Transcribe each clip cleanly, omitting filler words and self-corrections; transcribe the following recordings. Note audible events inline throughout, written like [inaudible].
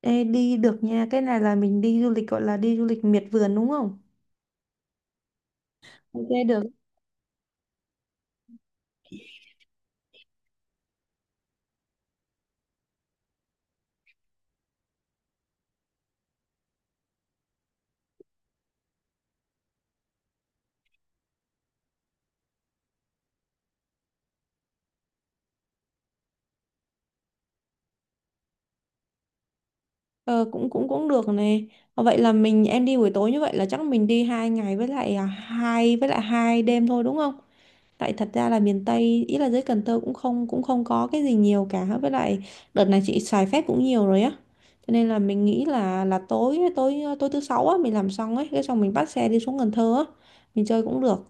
Ê, đi được nha. Cái này là mình đi du lịch gọi là đi du lịch miệt vườn đúng không? Ok được. Ờ, cũng cũng cũng được này. Vậy là mình em đi buổi tối như vậy là chắc mình đi 2 ngày với lại 2 đêm thôi đúng không? Tại thật ra là miền Tây ý là dưới Cần Thơ cũng không có cái gì nhiều cả, với lại đợt này chị xài phép cũng nhiều rồi á. Cho nên là mình nghĩ là tối tối tối thứ sáu á mình làm xong ấy, cái xong mình bắt xe đi xuống Cần Thơ á, mình chơi cũng được,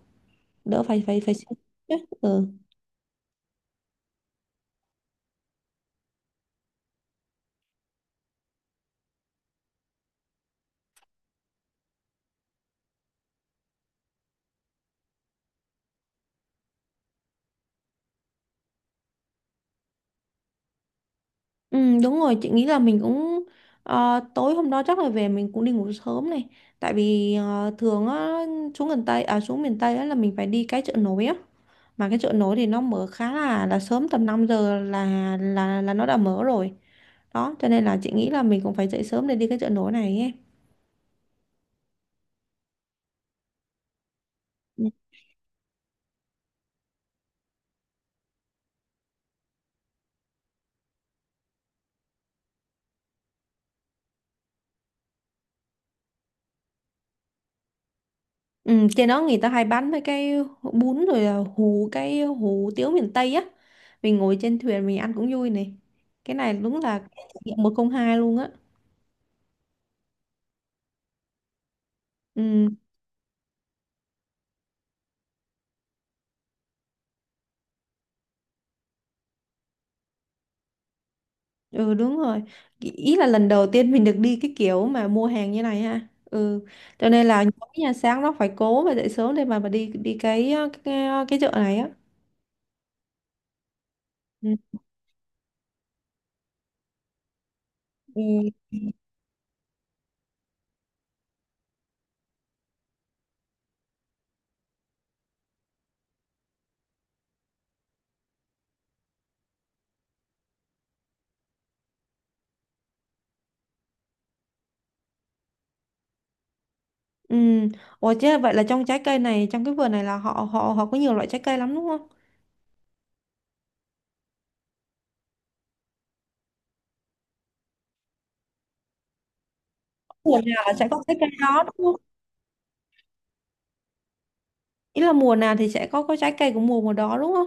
đỡ phải phải phải suy nghĩ ấy. Ừ. Ừ, đúng rồi, chị nghĩ là mình cũng tối hôm đó chắc là về mình cũng đi ngủ sớm này, tại vì thường á xuống miền Tây á là mình phải đi cái chợ nổi á. Mà cái chợ nổi thì nó mở khá là sớm, tầm 5 giờ là nó đã mở rồi đó, cho nên là chị nghĩ là mình cũng phải dậy sớm để đi cái chợ nổi này ấy. Ừ. Ừ, trên đó người ta hay bán mấy cái bún rồi là hủ tiếu miền Tây á, mình ngồi trên thuyền mình ăn cũng vui này. Cái này đúng là cái trải nghiệm một không hai luôn á. Ừ. Ừ, đúng rồi. Ý ý là lần đầu tiên mình được đi cái kiểu mà mua hàng như này ha. Ừ. Cho nên là nhóm nhà sáng nó phải cố và dậy sớm để mà đi đi cái chợ này á. Ừ. Ừ. Ừ. Ủa chứ vậy là trong trái cây này, trong cái vườn này là họ họ họ có nhiều loại trái cây lắm đúng không? Mùa nào là sẽ có trái cây đó đúng không? Ý là mùa nào thì sẽ có trái cây của mùa mùa đó đúng không?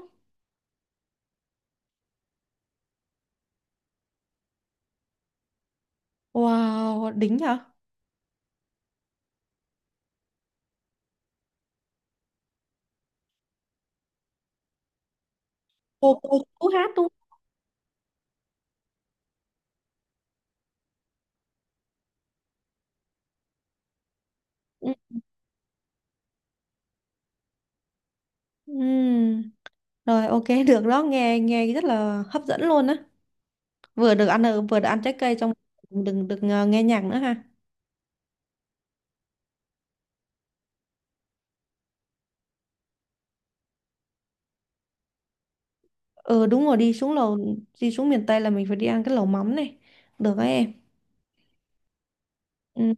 Wow, đỉnh hả? Cô chú hát đúng không? Ừ. Ừ. Rồi, ok [laughs] được đó, nghe nghe rất là hấp dẫn luôn á. Vừa được vừa được ăn trái cây xong, đừng được nghe nhạc nữa ha. Ừ, đúng rồi, đi xuống lầu, đi xuống miền Tây là mình phải đi ăn cái lẩu mắm này, được đấy em. Ừ.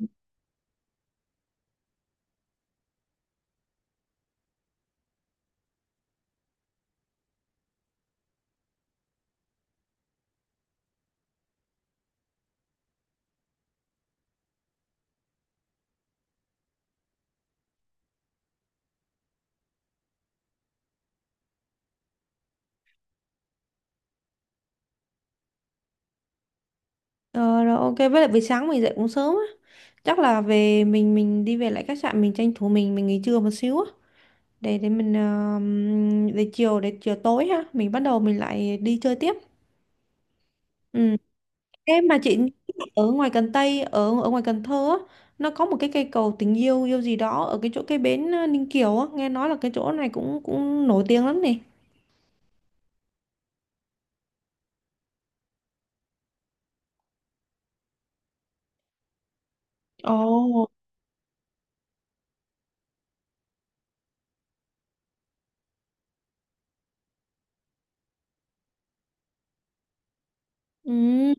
ờ, rồi ok, với lại buổi sáng mình dậy cũng sớm á, chắc là về mình đi về lại khách sạn, mình tranh thủ mình nghỉ trưa một xíu á, để mình để chiều tối ha mình bắt đầu mình lại đi chơi tiếp. Ừ. Em mà chị, ở ngoài Cần Tây ở ở ngoài Cần Thơ á, nó có một cái cây cầu tình yêu yêu gì đó ở cái chỗ cái bến Ninh Kiều á, nghe nói là cái chỗ này cũng cũng nổi tiếng lắm nè. Ồ. Ừ,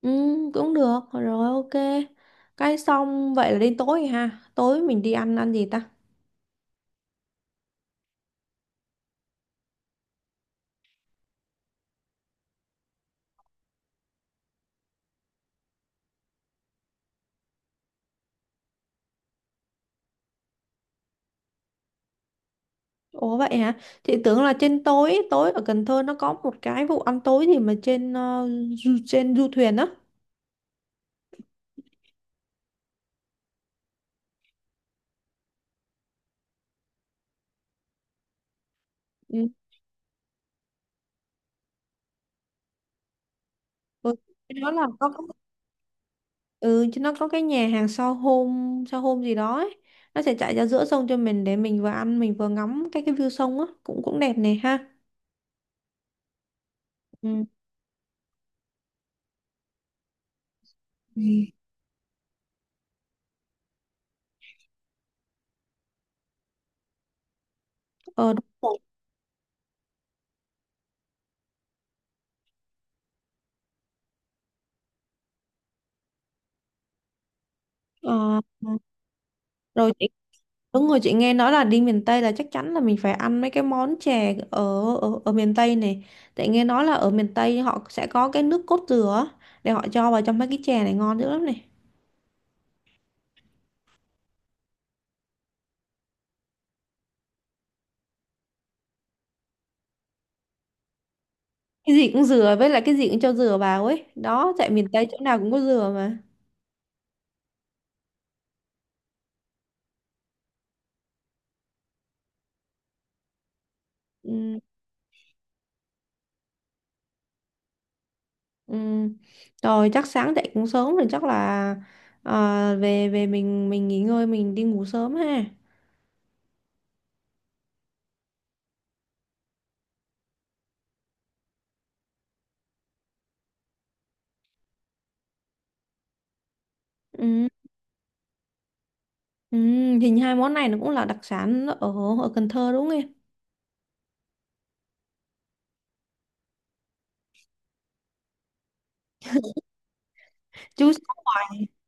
ừ, cũng được. Rồi ok. Cái xong vậy là đến tối rồi ha. Tối mình đi ăn ăn gì ta? Ủa vậy hả? Chị tưởng là trên tối tối ở Cần Thơ nó có một cái vụ ăn tối gì mà trên trên du thuyền á. Ừ. Ừ, cái đó là có. Ừ, chứ nó có cái nhà hàng sao hôm gì đó ấy. Nó sẽ chạy ra giữa sông cho mình, để mình vừa ăn mình vừa ngắm cái view sông á, cũng cũng đẹp này ha. Ừ. Ừ. Ờ, đúng rồi. Ờ, rồi chị Đúng rồi, chị nghe nói là đi miền Tây là chắc chắn là mình phải ăn mấy cái món chè ở ở, ở miền Tây này. Tại nghe nói là ở miền Tây họ sẽ có cái nước cốt dừa á, để họ cho vào trong mấy cái chè này ngon dữ lắm này. Cái gì cũng dừa, với lại cái gì cũng cho dừa vào ấy. Đó, tại miền Tây chỗ nào cũng có dừa mà. Ừ. Ừ. Rồi chắc sáng dậy cũng sớm, rồi chắc là về về mình nghỉ ngơi, mình đi ngủ sớm ha. Ừ. Ừ. Hình hai món này nó cũng là đặc sản ở ở Cần Thơ đúng không em? Chú Sáu.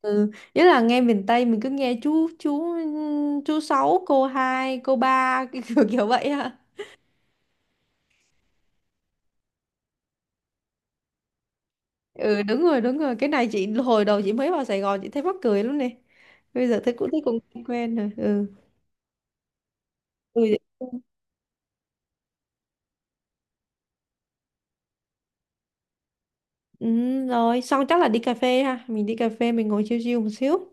Ừ. Nhất là nghe miền Tây mình cứ nghe chú sáu cô hai cô ba [laughs] cái kiểu kiểu vậy ha. Ừ, đúng rồi, đúng rồi, cái này chị hồi đầu chị mới vào Sài Gòn chị thấy mắc cười lắm nè. Bây giờ thấy cũng quen rồi. Ừ. Ừ. Ừ, rồi xong chắc là đi cà phê ha, mình đi cà phê mình ngồi chill chill một xíu,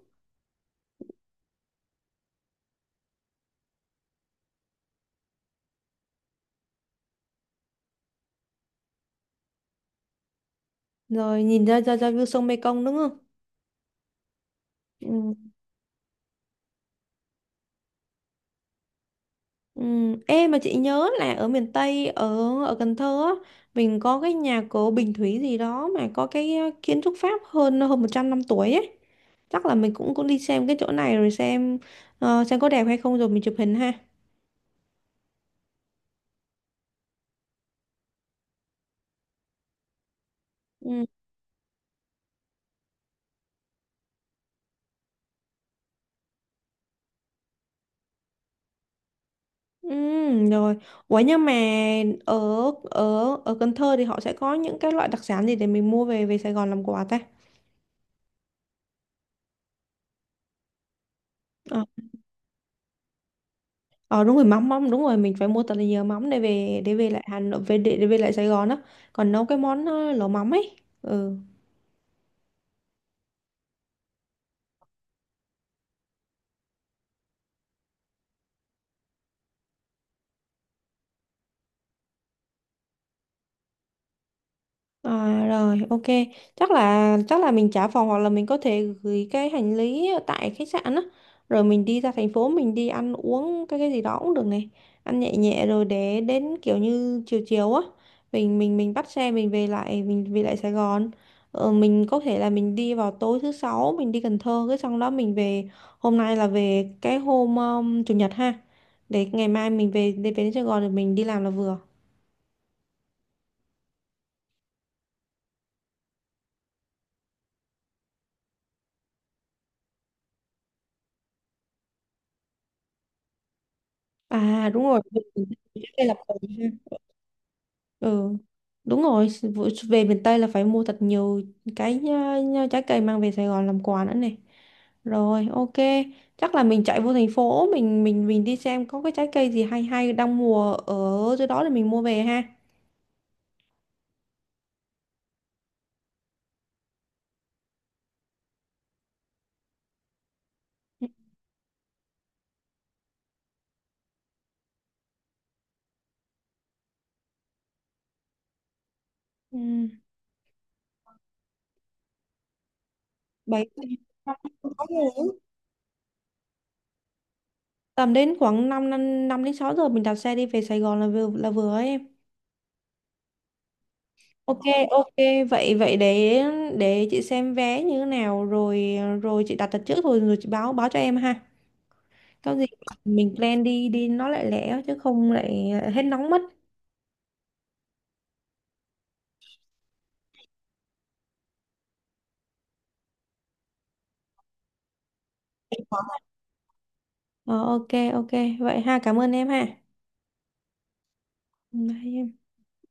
rồi nhìn ra ra ra view sông Mekong đúng không. Ừ. Ừ. Ê, mà chị nhớ là ở miền Tây, ở ở Cần Thơ á, mình có cái nhà cổ Bình Thủy gì đó, mà có cái kiến trúc Pháp hơn hơn 100 năm tuổi ấy, chắc là mình cũng cũng đi xem cái chỗ này, rồi xem xem có đẹp hay không rồi mình chụp hình ha. Ừ. Ừ, rồi ủa nhưng mà ở ở ở Cần Thơ thì họ sẽ có những cái loại đặc sản gì để mình mua về về Sài Gòn làm quà ta? Ờ, ờ, đúng rồi, mắm mắm đúng rồi, mình phải mua thật là nhiều mắm để về lại Hà Nội để về lại Sài Gòn á, còn nấu cái món lẩu mắm ấy. Ừ. À, rồi ok, chắc là mình trả phòng hoặc là mình có thể gửi cái hành lý ở tại khách sạn á, rồi mình đi ra thành phố mình đi ăn uống cái gì đó cũng được này, ăn nhẹ nhẹ rồi để đến kiểu như chiều chiều á, mình bắt xe mình về lại Sài Gòn. Mình có thể là mình đi vào tối thứ sáu mình đi Cần Thơ, cái xong đó mình về, hôm nay là về cái hôm chủ nhật ha, để ngày mai mình về để về đến Sài Gòn rồi mình đi làm là vừa. À, đúng rồi, về miền Tây trước đây là còn ha. Ừ, đúng rồi, về miền Tây là phải mua thật nhiều cái trái cây mang về Sài Gòn làm quà nữa này. Rồi, ok. Chắc là mình chạy vô thành phố mình đi xem có cái trái cây gì hay hay đang mùa ở dưới đó để mình mua về ha. Ừ. Bảy Tầm đến khoảng 5 năm năm đến 6 giờ mình đạp xe đi về Sài Gòn là vừa ấy em. Ok, ok, vậy vậy để chị xem vé như thế nào rồi rồi chị đặt đặt trước rồi rồi chị báo báo cho em ha. Có gì mình plan đi đi nó lại lẻ chứ không lại hết nóng mất. Ờ, ok, ok vậy ha, cảm ơn em ha. Bye em.